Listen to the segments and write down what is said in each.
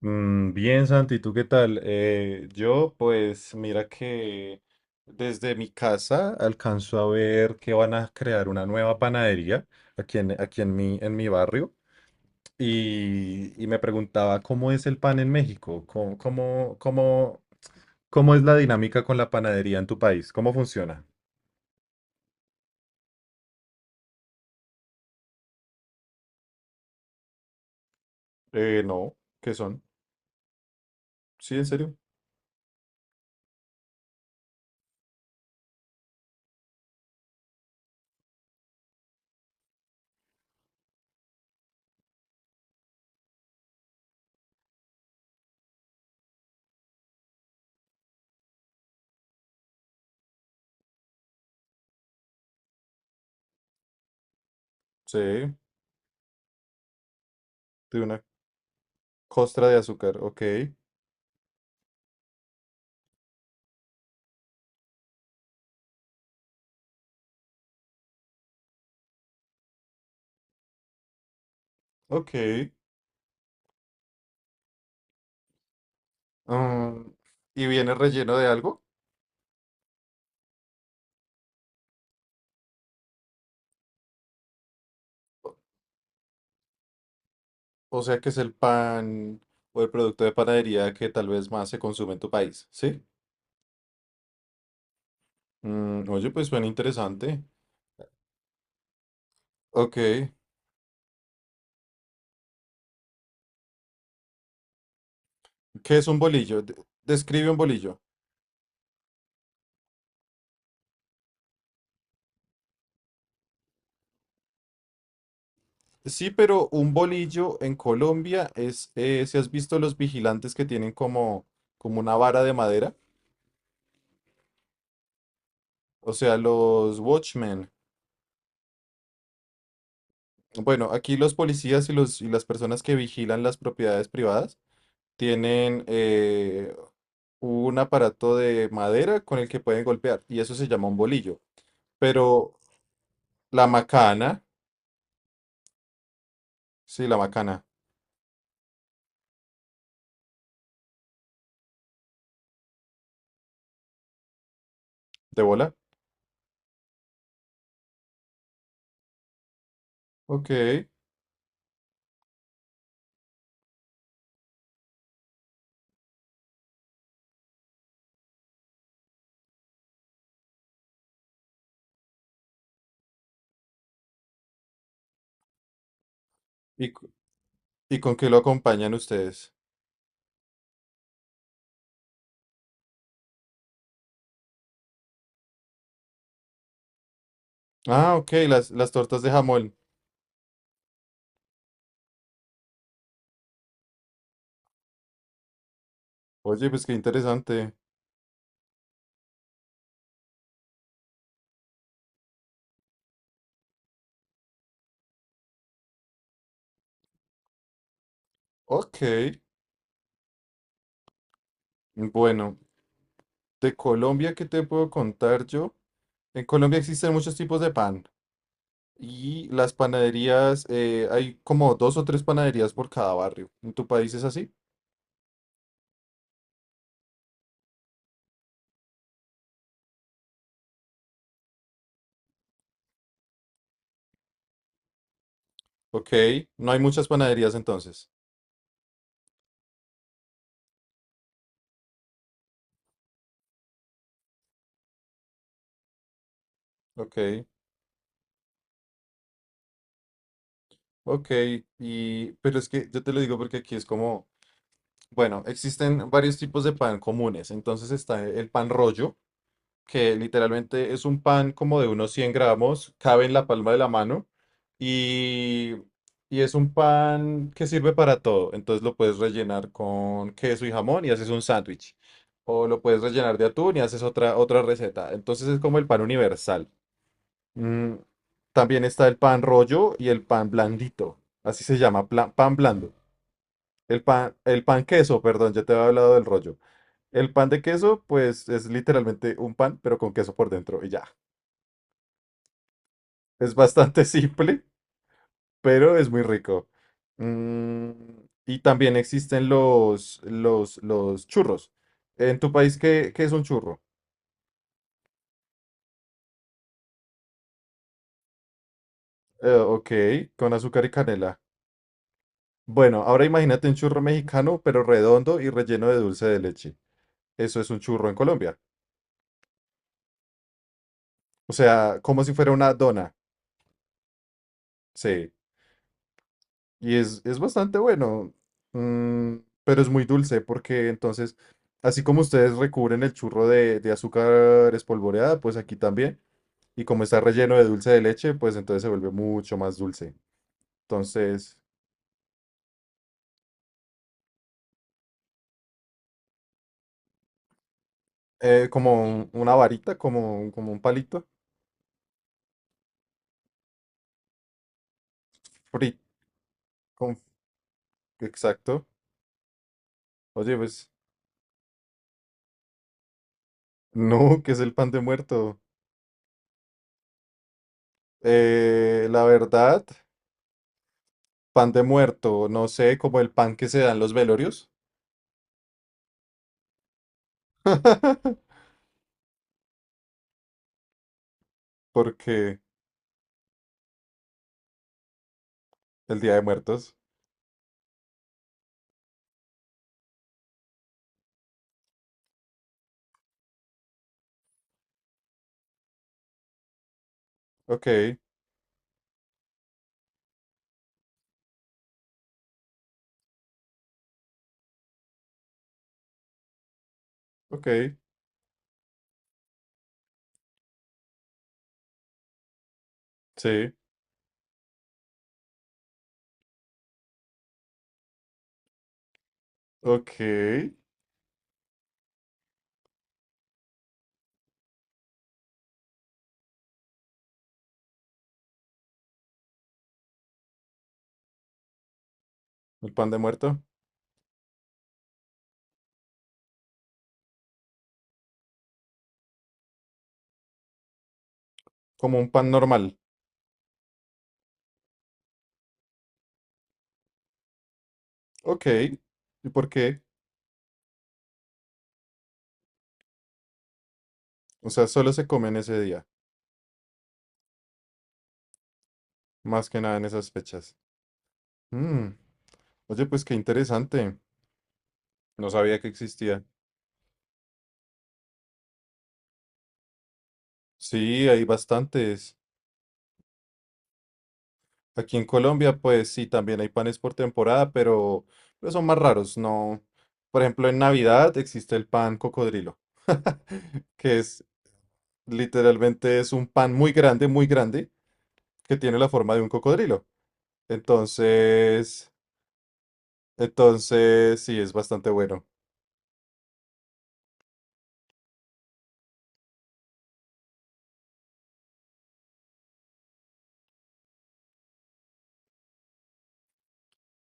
Mm, bien, Santi, ¿tú qué tal? Pues mira que desde mi casa alcanzo a ver que van a crear una nueva panadería aquí en mi barrio y me preguntaba cómo es el pan en México, cómo es la dinámica con la panadería en tu país, cómo funciona. No, ¿qué son? Sí, en serio. Sí, de una costra de azúcar, ok, ok. Mm, ¿y viene relleno de algo? O sea que es el pan o el producto de panadería que tal vez más se consume en tu país, ¿sí? Mm, oye, pues suena interesante. Ok. ¿Qué es un bolillo? Describe un bolillo. Sí, pero un bolillo en Colombia es, si has visto los vigilantes que tienen como, como una vara de madera, o sea, los watchmen. Bueno, aquí los policías y, las personas que vigilan las propiedades privadas tienen un aparato de madera con el que pueden golpear y eso se llama un bolillo. Pero la macana, sí, la macana de bola, ok. ¿Y, cu- y con qué lo acompañan ustedes? Ah, ok, las tortas de jamón. Oye, pues qué interesante. Ok, bueno, de Colombia, ¿qué te puedo contar yo? En Colombia existen muchos tipos de pan. Y las panaderías, hay como dos o tres panaderías por cada barrio. ¿En tu país es así? Ok, no hay muchas panaderías entonces. Ok, ok. Y, pero es que yo te lo digo porque aquí es como, bueno, existen varios tipos de pan comunes. Entonces está el pan rollo, que literalmente es un pan como de unos 100 gramos, cabe en la palma de la mano y, y es un pan que sirve para todo. Entonces lo puedes rellenar con queso y jamón y haces un sándwich. O lo puedes rellenar de atún y haces otra, otra receta. Entonces es como el pan universal. Mm, también está el pan rollo y el pan blandito. Así se llama, pan blando. El pan queso, perdón, ya te había hablado del rollo. El pan de queso, pues es literalmente un pan, pero con queso por dentro y ya. Es bastante simple, pero es muy rico. Mm, y también existen los churros. En tu país, ¿ qué es un churro? Ok, con azúcar y canela. Bueno, ahora imagínate un churro mexicano, pero redondo y relleno de dulce de leche. Eso es un churro en Colombia. O sea, como si fuera una dona. Sí. Y es bastante bueno, mm, pero es muy dulce porque entonces, así como ustedes recubren el churro de azúcar espolvoreada, pues aquí también. Y como está relleno de dulce de leche, pues entonces se vuelve mucho más dulce. Entonces, como una varita, como, como un palito frito. Exacto. Oye, pues, no, ¿qué es el pan de muerto? La verdad, pan de muerto, no sé, como el pan que se da en los velorios. Porque... El Día de Muertos. Ok, ok, sí, ok. El pan de muerto. Como un pan normal. Ok. ¿Y por qué? O sea, solo se come en ese día. Más que nada en esas fechas. Mm, oye, pues qué interesante. No sabía que existía. Sí, hay bastantes. Aquí en Colombia, pues sí, también hay panes por temporada, pero son más raros. No. Por ejemplo, en Navidad existe el pan cocodrilo, que es literalmente es un pan muy grande que tiene la forma de un cocodrilo. Entonces, entonces sí, es bastante bueno.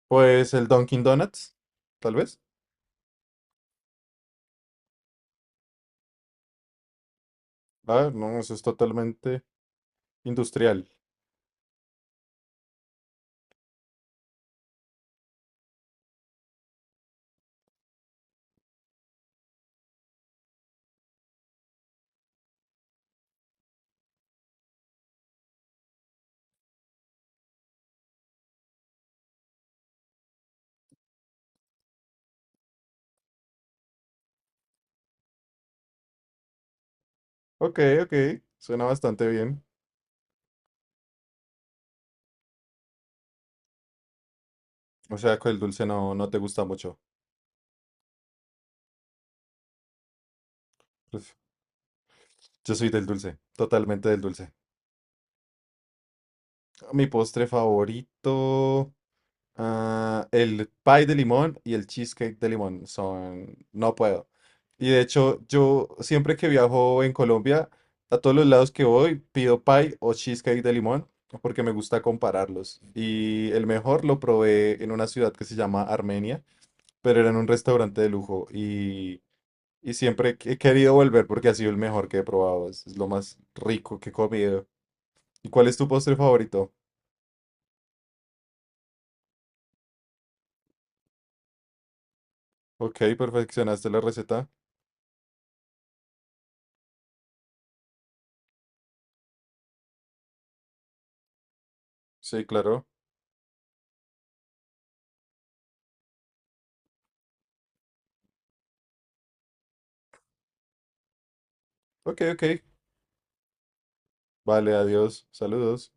Pues el Dunkin' Donuts, tal vez. Ah, no, eso es totalmente industrial. Ok, ok, suena bastante bien. O sea, que el dulce no, no te gusta mucho. Uf, yo soy del dulce, totalmente del dulce. Mi postre favorito. Ah, el pie de limón y el cheesecake de limón son... No puedo. Y de hecho, yo siempre que viajo en Colombia, a todos los lados que voy, pido pie o cheesecake de limón porque me gusta compararlos. Y el mejor lo probé en una ciudad que se llama Armenia, pero era en un restaurante de lujo y siempre he querido volver porque ha sido el mejor que he probado. Es lo más rico que he comido. ¿Y cuál es tu postre favorito? Ok, perfeccionaste la receta. Sí, claro. Ok, ok. Vale, adiós. Saludos.